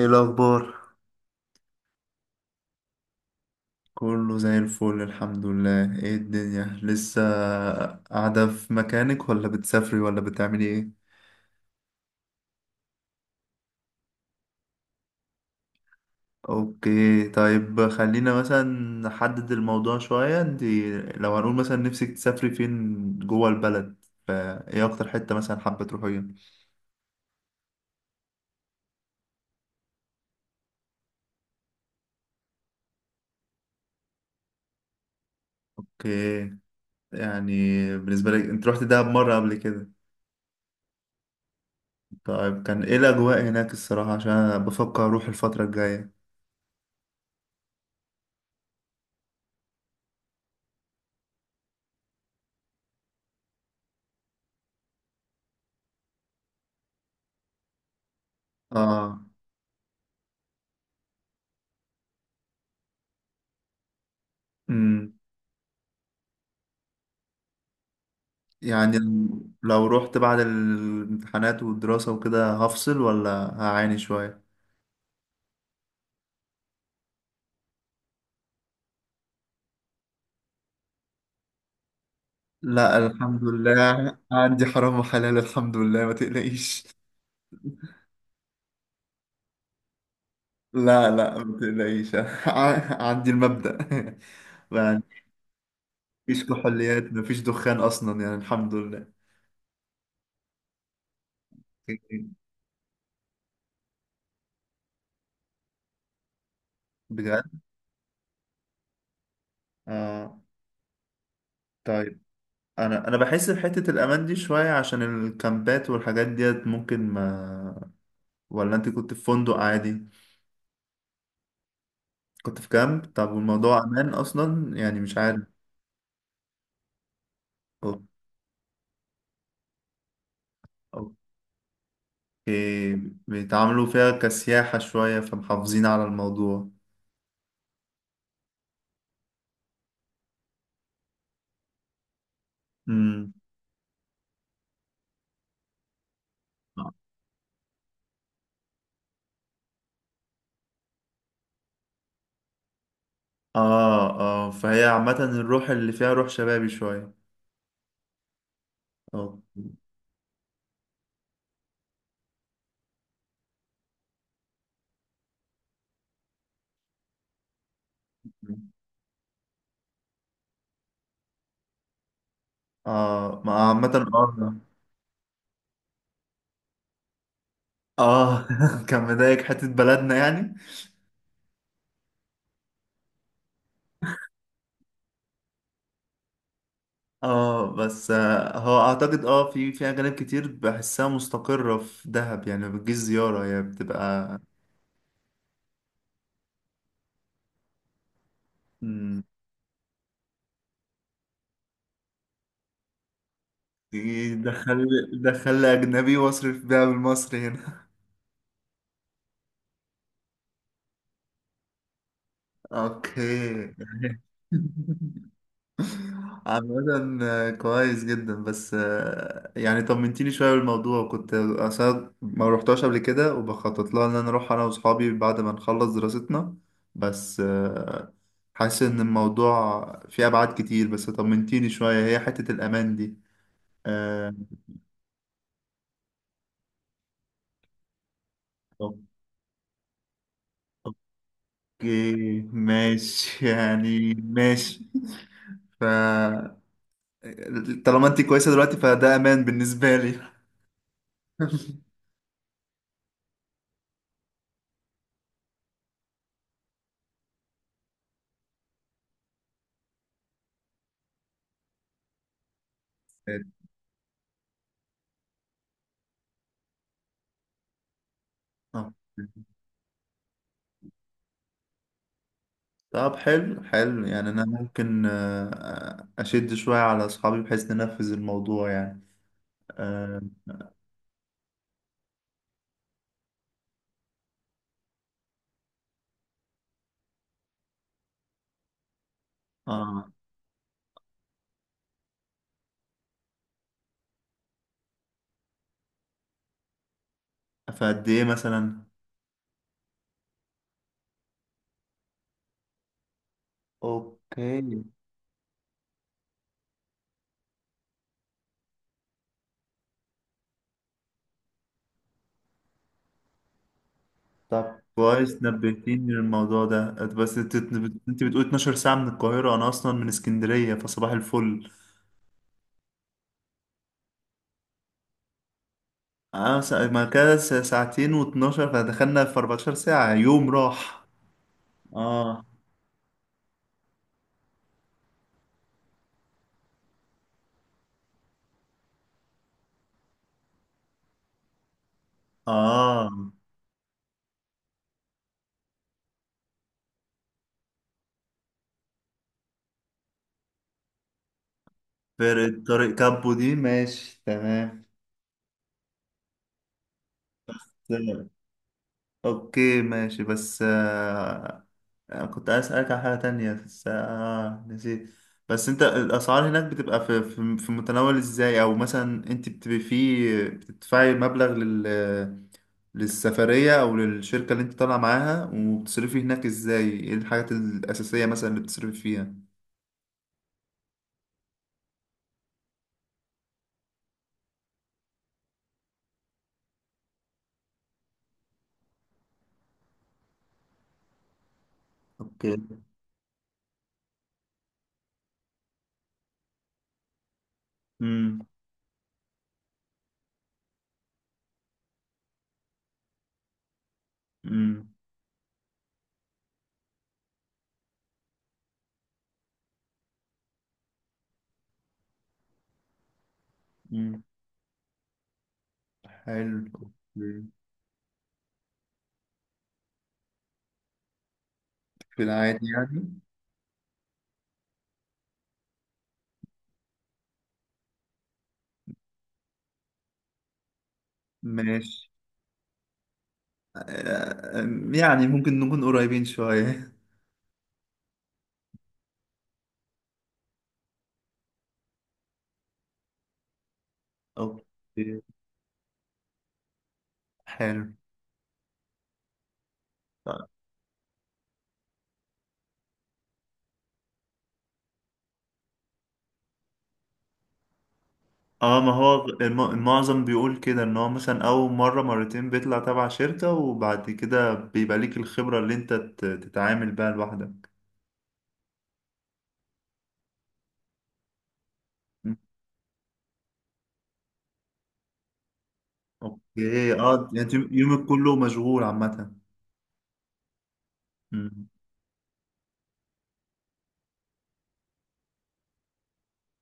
ايه الاخبار؟ كله زي الفل، الحمد لله. ايه الدنيا، لسه قاعده في مكانك ولا بتسافري ولا بتعملي ايه؟ اوكي، طيب خلينا مثلا نحدد الموضوع شويه. انت لو هنقول مثلا نفسك تسافري فين جوه البلد، فايه اكتر حته مثلا حابه تروحيها؟ اوكي، يعني بالنسبه لك انت رحت دهب مره قبل كده؟ طيب، كان ايه الاجواء هناك الصراحه؟ عشان أنا بفكر اروح الفتره الجايه. اه. يعني لو رحت بعد الامتحانات والدراسة وكده، هفصل ولا هعاني شوية؟ لا، الحمد لله، عندي حرام وحلال، الحمد لله، ما تقلقيش. لا، لا، ما تقلقيش. عندي المبدأ. يعني مفيش كحوليات، مفيش دخان أصلا، يعني الحمد لله. بجد؟ آه. طيب، أنا بحس بحتة الأمان دي شوية، عشان الكامبات والحاجات ديت ممكن ما... ولا أنت كنت في فندق عادي؟ كنت في كامب. طب والموضوع أمان أصلا؟ يعني مش عارف. أو- أوكي. بيتعاملوا فيها كسياحة شوية، فمحافظين على الموضوع. امم. آه، آه، فهي عامة الروح اللي فيها روح شبابي شوية. أوكي. آه. ما عامة. آه. آه. كان مضايق حتة بلدنا، يعني. اه، بس هو اعتقد في اجانب كتير بحسها مستقرة في دهب، يعني ما بتجيش زيارة، هي بتبقى. دخل دخل لي أجنبي وأصرف بيها بالمصري هنا. أوكي. عامة، كويس جدا. بس يعني طمنتيني شوية بالموضوع، وكنت أصلا ما روحتهاش قبل كده، وبخطط لها إن أنا أروح أنا وأصحابي بعد ما نخلص دراستنا. بس حاسس إن الموضوع فيه أبعاد كتير، بس طمنتيني شوية هي حتة الأمان دي. آه، أوكي ماشي. يعني ماشي. ف طالما انت كويسه دلوقتي، فده امان بالنسبه لي. آه. طب، حلو حلو، يعني انا ممكن اشد شويه على اصحابي بحيث ننفذ الموضوع، يعني. اه. آه. فقد ايه مثلا؟ اوكي، طب كويس نبهتيني للموضوع ده. بس انت بتقول 12 ساعه من القاهره، انا اصلا من اسكندريه فصباح الفل. اه، ما كده ساعتين و12، فدخلنا في 14 ساعه يوم راح. اه، اه، فرقة طريق كابو دي ماشي تمام. تمام. اوكي ماشي، بس كنت عايز اسألك على حاجة تانية، بس نسيت. بس انت، الاسعار هناك بتبقى في متناول ازاي؟ او مثلا انت بتبقي فيه بتدفعي مبلغ للسفرية او للشركة اللي انت طالعة معاها، وبتصرفي هناك ازاي، ايه الحاجات الاساسية مثلا اللي بتصرفي فيها؟ اوكي. امم. امم. أمم. حلو، أوكي. في العادي يعني؟ ماشي. آه، يعني ممكن نكون قريبين شوية. اوكي، حلو. اه، ما هو المعظم بيقول كده، ان هو مثلا اول مرة مرتين بيطلع تبع شركة، وبعد كده بيبقى ليك الخبرة اللي انت تتعامل بيها لوحدك. م. اوكي، اه، يعني يومك كله مشغول عامة. م.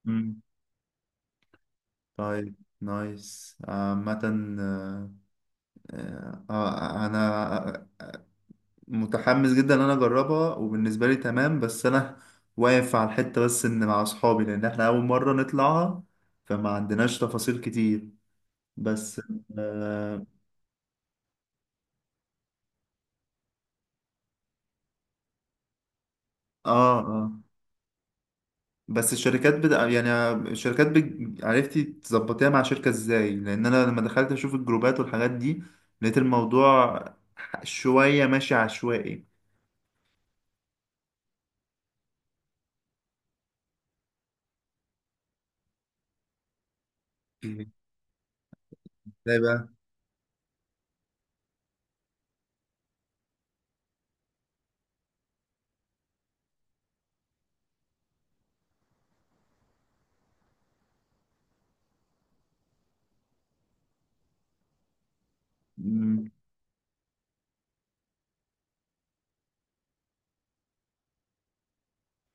م. طيب، نايس عامة. انا متحمس جدا ان انا اجربها، وبالنسبه لي تمام. بس انا واقف على الحته، بس ان مع اصحابي، لان احنا اول مره نطلعها، فما عندناش تفاصيل كتير. بس اه اه آه. بس الشركات بدا يعني الشركات بج... عرفتي تظبطيها مع شركه ازاي؟ لان انا لما دخلت اشوف الجروبات والحاجات دي، لقيت الموضوع شويه ماشي عشوائي. مم. ازاي بقى؟ مم.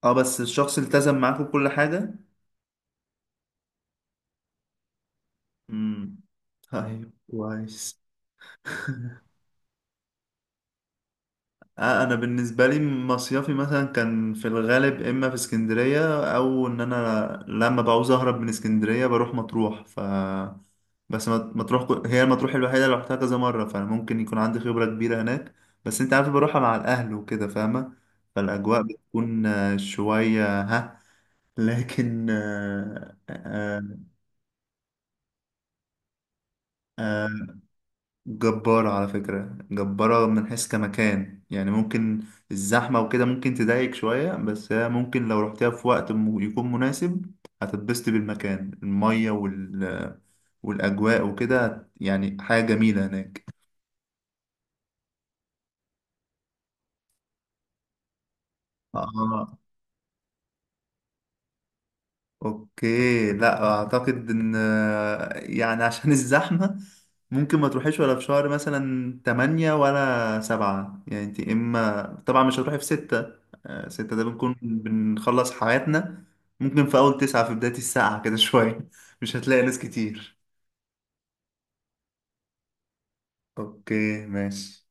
اه، بس الشخص التزم معاكم بكل حاجه؟ امم. طيب كويس. انا بالنسبه لي، مصيفي مثلا كان في الغالب اما في اسكندريه، او ان انا لما بعوز اهرب من اسكندريه بروح مطروح. بس مطروح، هي المطروح الوحيده اللي رحتها كذا مره، فانا ممكن يكون عندي خبره كبيره هناك. بس انت عارف بروحها مع الاهل وكده، فاهمه. فالاجواء بتكون شويه ها. لكن آه، جبارة على فكرة، جبارة من حيث كمكان، يعني ممكن الزحمة وكده ممكن تضايق شوية، بس هي ممكن لو رحتها في وقت يكون مناسب، هتتبسط بالمكان، المية والأجواء وكده يعني حاجة جميلة هناك. آه اوكي، لا اعتقد ان، يعني عشان الزحمة، ممكن ما تروحيش ولا في شهر مثلا تمانية ولا سبعة، يعني انت اما طبعا مش هتروحي في ستة. ستة ده بنكون بنخلص حياتنا. ممكن في اول تسعة، في بداية الساعة كده شوية، مش هتلاقي ناس كتير. اوكي ماشي.